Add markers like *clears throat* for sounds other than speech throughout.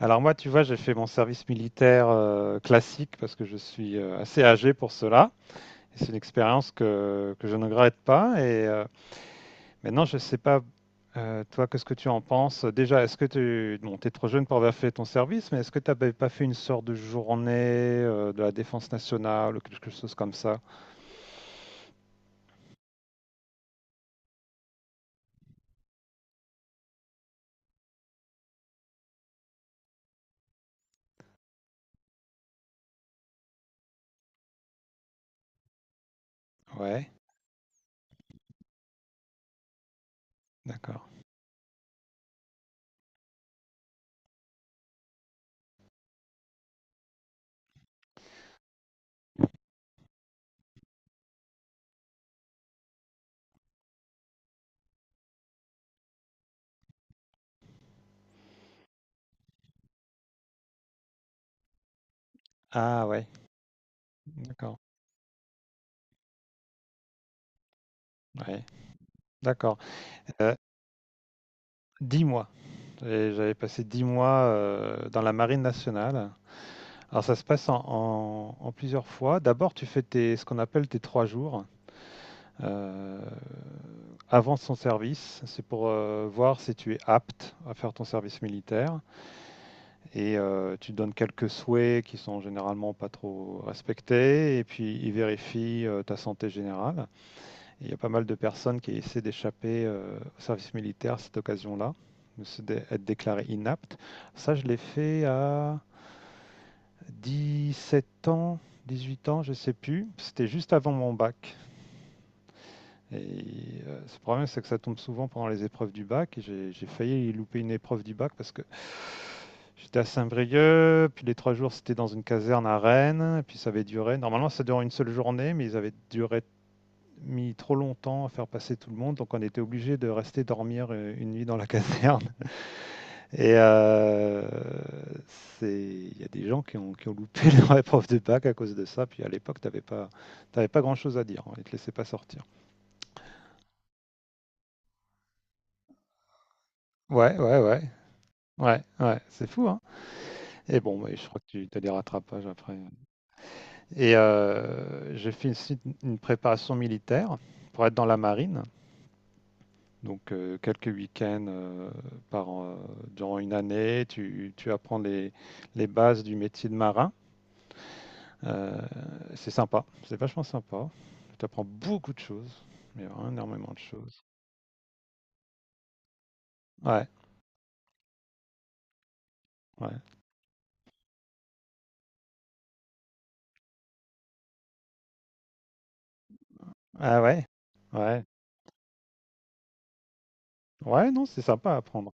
Alors moi, tu vois, j'ai fait mon service militaire classique parce que je suis assez âgé pour cela. Et c'est une expérience que je ne regrette pas. Et maintenant, je ne sais pas. Toi, qu'est-ce que tu en penses? Déjà, bon, t'es trop jeune pour avoir fait ton service, mais est-ce que tu n'avais pas fait une sorte de journée de la défense nationale ou quelque chose comme ça? Ouais, d'accord. Ah ouais, d'accord. Ouais, d'accord. Euh, 10 mois. Et j'avais passé 10 mois dans la marine nationale. Alors ça se passe en plusieurs fois. D'abord, tu fais ce qu'on appelle tes 3 jours euh, avant son service. C'est pour voir si tu es apte à faire ton service militaire. Et tu donnes quelques souhaits qui sont généralement pas trop respectés. Et puis ils vérifient ta santé générale. Et il y a pas mal de personnes qui essaient d'échapper au service militaire à cette occasion-là, être déclarées inaptes. Ça, je l'ai fait à 17 ans, 18 ans, je sais plus. C'était juste avant mon bac. Et ce problème, c'est que ça tombe souvent pendant les épreuves du bac. Et j'ai failli louper une épreuve du bac parce que j'étais à Saint-Brieuc, puis les 3 jours, c'était dans une caserne à Rennes, et puis ça avait duré. Normalement, ça durait une seule journée, mais ils avaient duré mis trop longtemps à faire passer tout le monde, donc on était obligé de rester dormir une nuit dans la *laughs* caserne. Et il y a des gens qui ont loupé *laughs* leur épreuve de bac à cause de ça. Puis à l'époque, pas, t'avais pas grand-chose à dire, hein. Ils te laissaient pas sortir. Ouais, ouais, ouais. Ouais, ouais, c'est fou, hein. Et bon, ouais, je crois que tu as des rattrapages après. Et j'ai fait aussi une préparation militaire pour être dans la marine. Donc quelques week-ends par, an- euh, durant une année, tu apprends les bases du métier de marin. Euh, c'est sympa, c'est vachement sympa. Tu apprends beaucoup de choses, mais vraiment énormément de choses. Ouais, ouais. Ah ouais, ouais. Ouais, non, c'est sympa à apprendre.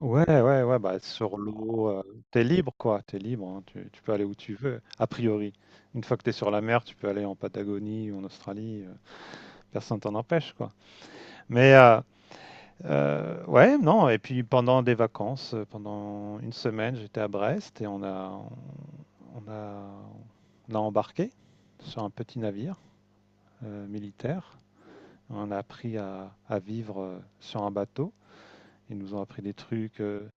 Ouais, ouais, ouais, bah sur l'eau, t'es libre quoi, t'es libre, hein, tu peux aller où tu veux, a priori. Une fois que t'es sur la mer, tu peux aller en Patagonie ou en Australie. Personne t'en empêche quoi. Mais euh, ouais, non, et puis pendant des vacances, pendant une semaine, j'étais à Brest et on a On a embarqué sur un petit navire militaire. On a appris à vivre sur un bateau. Ils nous ont appris des trucs.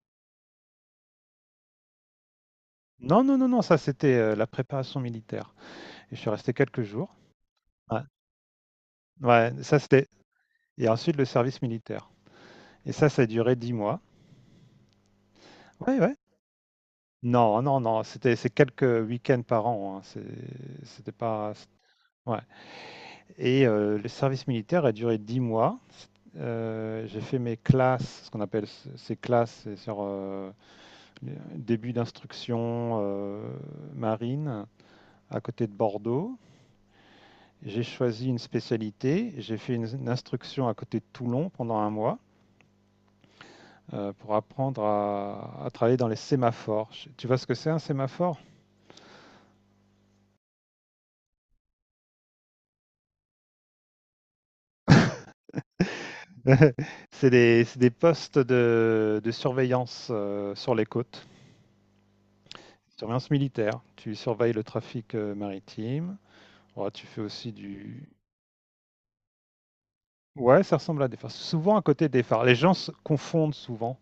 Non, non, non, non, ça c'était la préparation militaire. Et je suis resté quelques jours. Ouais, ouais, ça c'était. Et ensuite le service militaire. Et ça a duré 10 mois. Ouais, ouais. Non, non, non, c'était c'est quelques week-ends par an, hein. C'était pas. Ouais. Et le service militaire a duré 10 mois. J'ai fait mes classes, ce qu'on appelle ces classes, c'est sur début d'instruction marine à côté de Bordeaux. J'ai choisi une spécialité. J'ai fait une instruction à côté de Toulon pendant un mois pour apprendre à travailler dans les sémaphores. Tu vois ce que c'est un sémaphore? *laughs* C'est des postes de surveillance sur les côtes, surveillance militaire. Tu surveilles le trafic maritime. Ouais, tu fais aussi du... Ouais, ça ressemble à des phares. Souvent à côté des phares. Les gens se confondent souvent.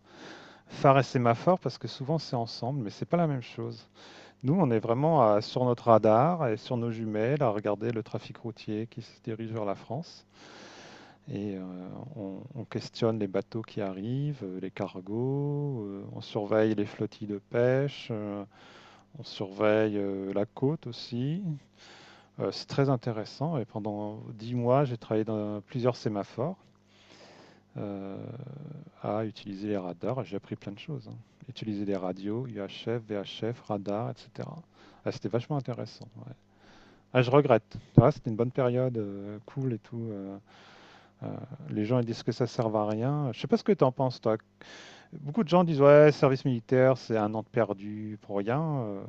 Phare et sémaphore, parce que souvent c'est ensemble, mais c'est pas la même chose. Nous, on est vraiment sur notre radar et sur nos jumelles à regarder le trafic routier qui se dirige vers la France. Et on questionne les bateaux qui arrivent, les cargos, on surveille les flottilles de pêche, on surveille la côte aussi. C'est très intéressant et pendant 10 mois, j'ai travaillé dans plusieurs sémaphores, euh, à utiliser les radars. J'ai appris plein de choses, hein. Utiliser les radios, UHF, VHF, radar, etc. Ah, c'était vachement intéressant, ouais. Ah, je regrette. Ah, c'était une bonne période, cool et tout. Euh, les gens ils disent que ça sert à rien. Je sais pas ce que tu en penses, toi. Beaucoup de gens disent ouais, service militaire, c'est un an de perdu pour rien.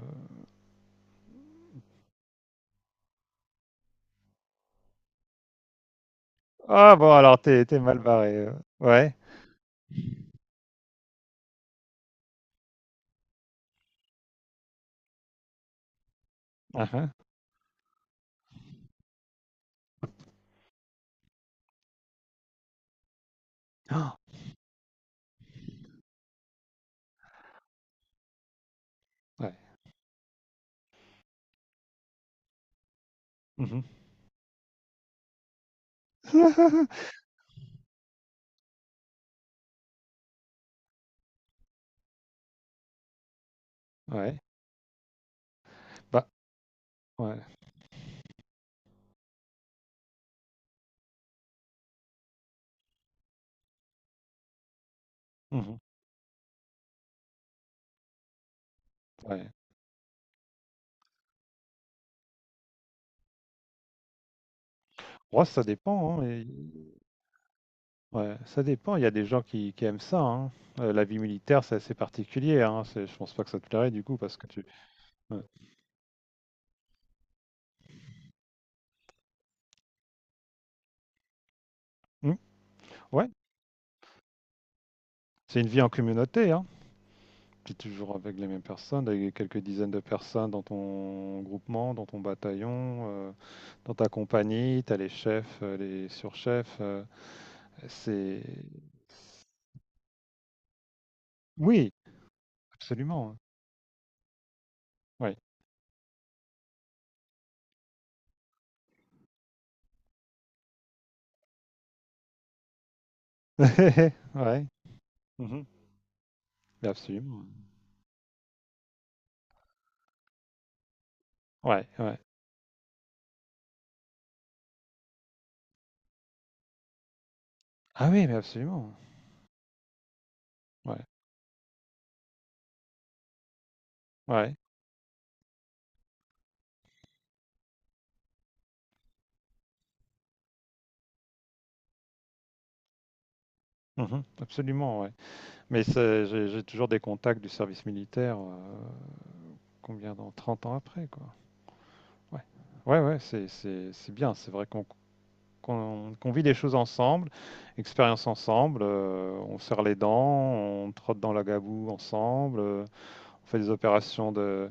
Ah bon, alors t'es mal barré. Ouais. Ah, ah. Ah, ouais. Mhm. *laughs* Ouais. Bah, ouais. Mhm. Ouais. Ouais, ça dépend, hein, et ouais, ça dépend. Il y a des gens qui aiment ça, hein. La vie militaire, c'est assez particulier, hein. Je pense pas que ça te plairait du coup parce que tu. Ouais, hmm, ouais. C'est une vie en communauté, hein. Tu es toujours avec les mêmes personnes, avec quelques dizaines de personnes dans ton groupement, dans ton bataillon, dans ta compagnie. Tu as les chefs, les surchefs. C'est. Oui, absolument. Oui. *laughs* Ouais. Ouais. Mhm. Mais absolument. Ouais, ouais. Ah oui, mais absolument. Ouais. Ouais. Mmh. Absolument, ouais. Mais c'est j'ai toujours des contacts du service militaire, combien dans 30 ans après, quoi. Ouais. Ouais, ouais, c'est bien. C'est vrai qu'on vit les choses ensemble, expérience ensemble, on serre les dents, on trotte dans la gaboue ensemble, on fait des opérations de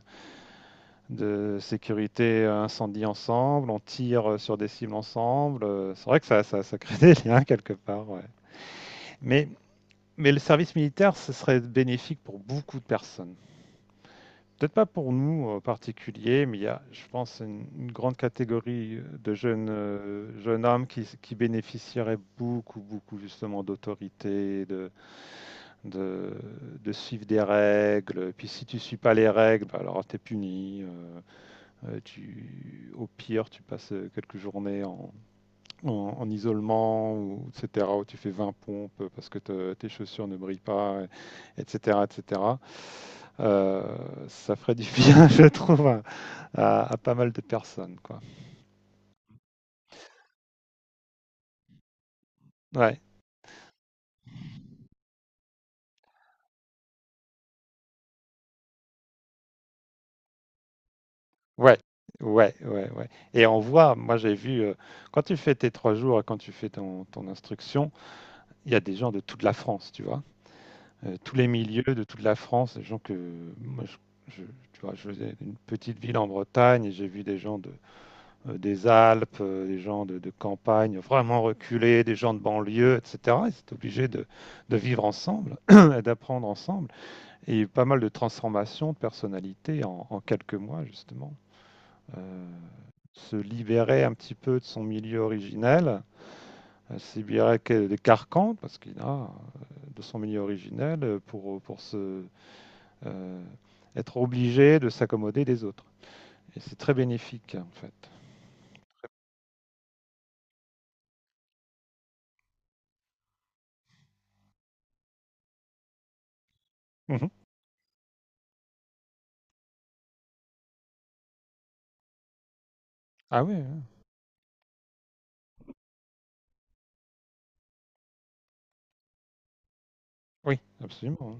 de sécurité, incendie ensemble, on tire, sur des cibles ensemble, c'est vrai que ça crée *laughs* des liens quelque part, ouais. Mais Mais le service militaire, ce serait bénéfique pour beaucoup de personnes. Peut-être pas pour nous en particulier, mais il y a, je pense, une grande catégorie de jeunes, jeunes hommes qui bénéficieraient beaucoup, beaucoup justement d'autorité, de, de suivre des règles. Et puis si tu ne suis pas les règles, bah, alors t'es puni. Au pire, tu passes quelques journées en isolement, ou, etc., où tu fais 20 pompes parce que tes chaussures ne brillent pas, etc., etc. Ça ferait du bien, *laughs* je trouve, à pas mal de personnes, quoi. Ouais, ouais, ouais, ouais, ouais. Et on voit, moi j'ai vu, quand tu fais tes 3 jours et quand tu fais ton instruction, il y a des gens de toute la France, tu vois. Tous les milieux de toute la France, des gens que, moi, je- tu vois, je faisais une petite ville en Bretagne et j'ai vu des gens des Alpes, des gens de campagne vraiment reculés, des gens de banlieue, etc. Ils étaient obligés de vivre ensemble *clears throat* et d'apprendre ensemble. Et il y a eu pas mal de transformations de personnalités en quelques mois, justement. Euh, Se libérer un petit peu de son milieu originel, se libérer des carcans, parce qu'il a de son milieu originel pour euh, être obligé de s'accommoder des autres. Et c'est très bénéfique, en fait. Mhm. Ah oui, oui, oui, absolument.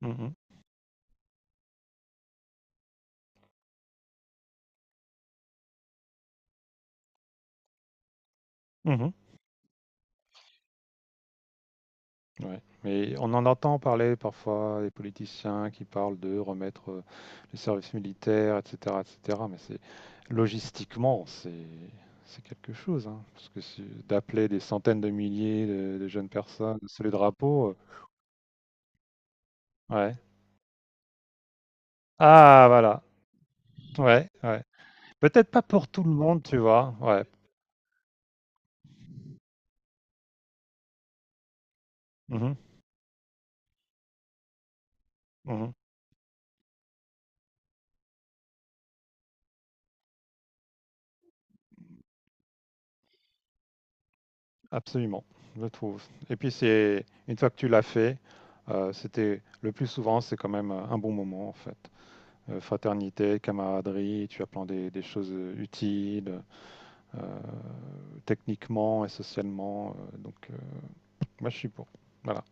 Mmh mh. Mmh. Ouais, mais on en entend parler parfois, des politiciens qui parlent de remettre, le service militaire et cetera, mais c'est logistiquement, c'est quelque chose, hein, parce que c'est d'appeler des centaines de milliers de jeunes personnes sous les drapeaux, ouais. Ah voilà, ouais, ouais. Peut-être pas pour tout le monde, tu vois? Ouais. Mhm, mhm. Absolument, je trouve, et puis c'est une fois que tu l'as fait, c'était le plus souvent, c'est quand même, un bon moment, en fait. Fraternité, camaraderie, tu apprends des choses utiles, euh, techniquement et socialement. Donc, moi, je suis pour. Voilà.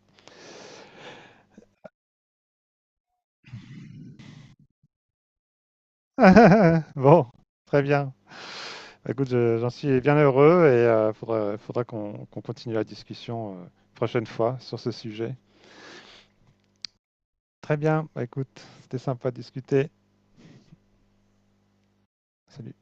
*laughs* Bon, très bien. Bah, écoute, j'en suis bien heureux et il faudra qu'on continue la discussion prochaine fois sur ce sujet. Très bien. Bah, écoute, c'était sympa de discuter. Salut.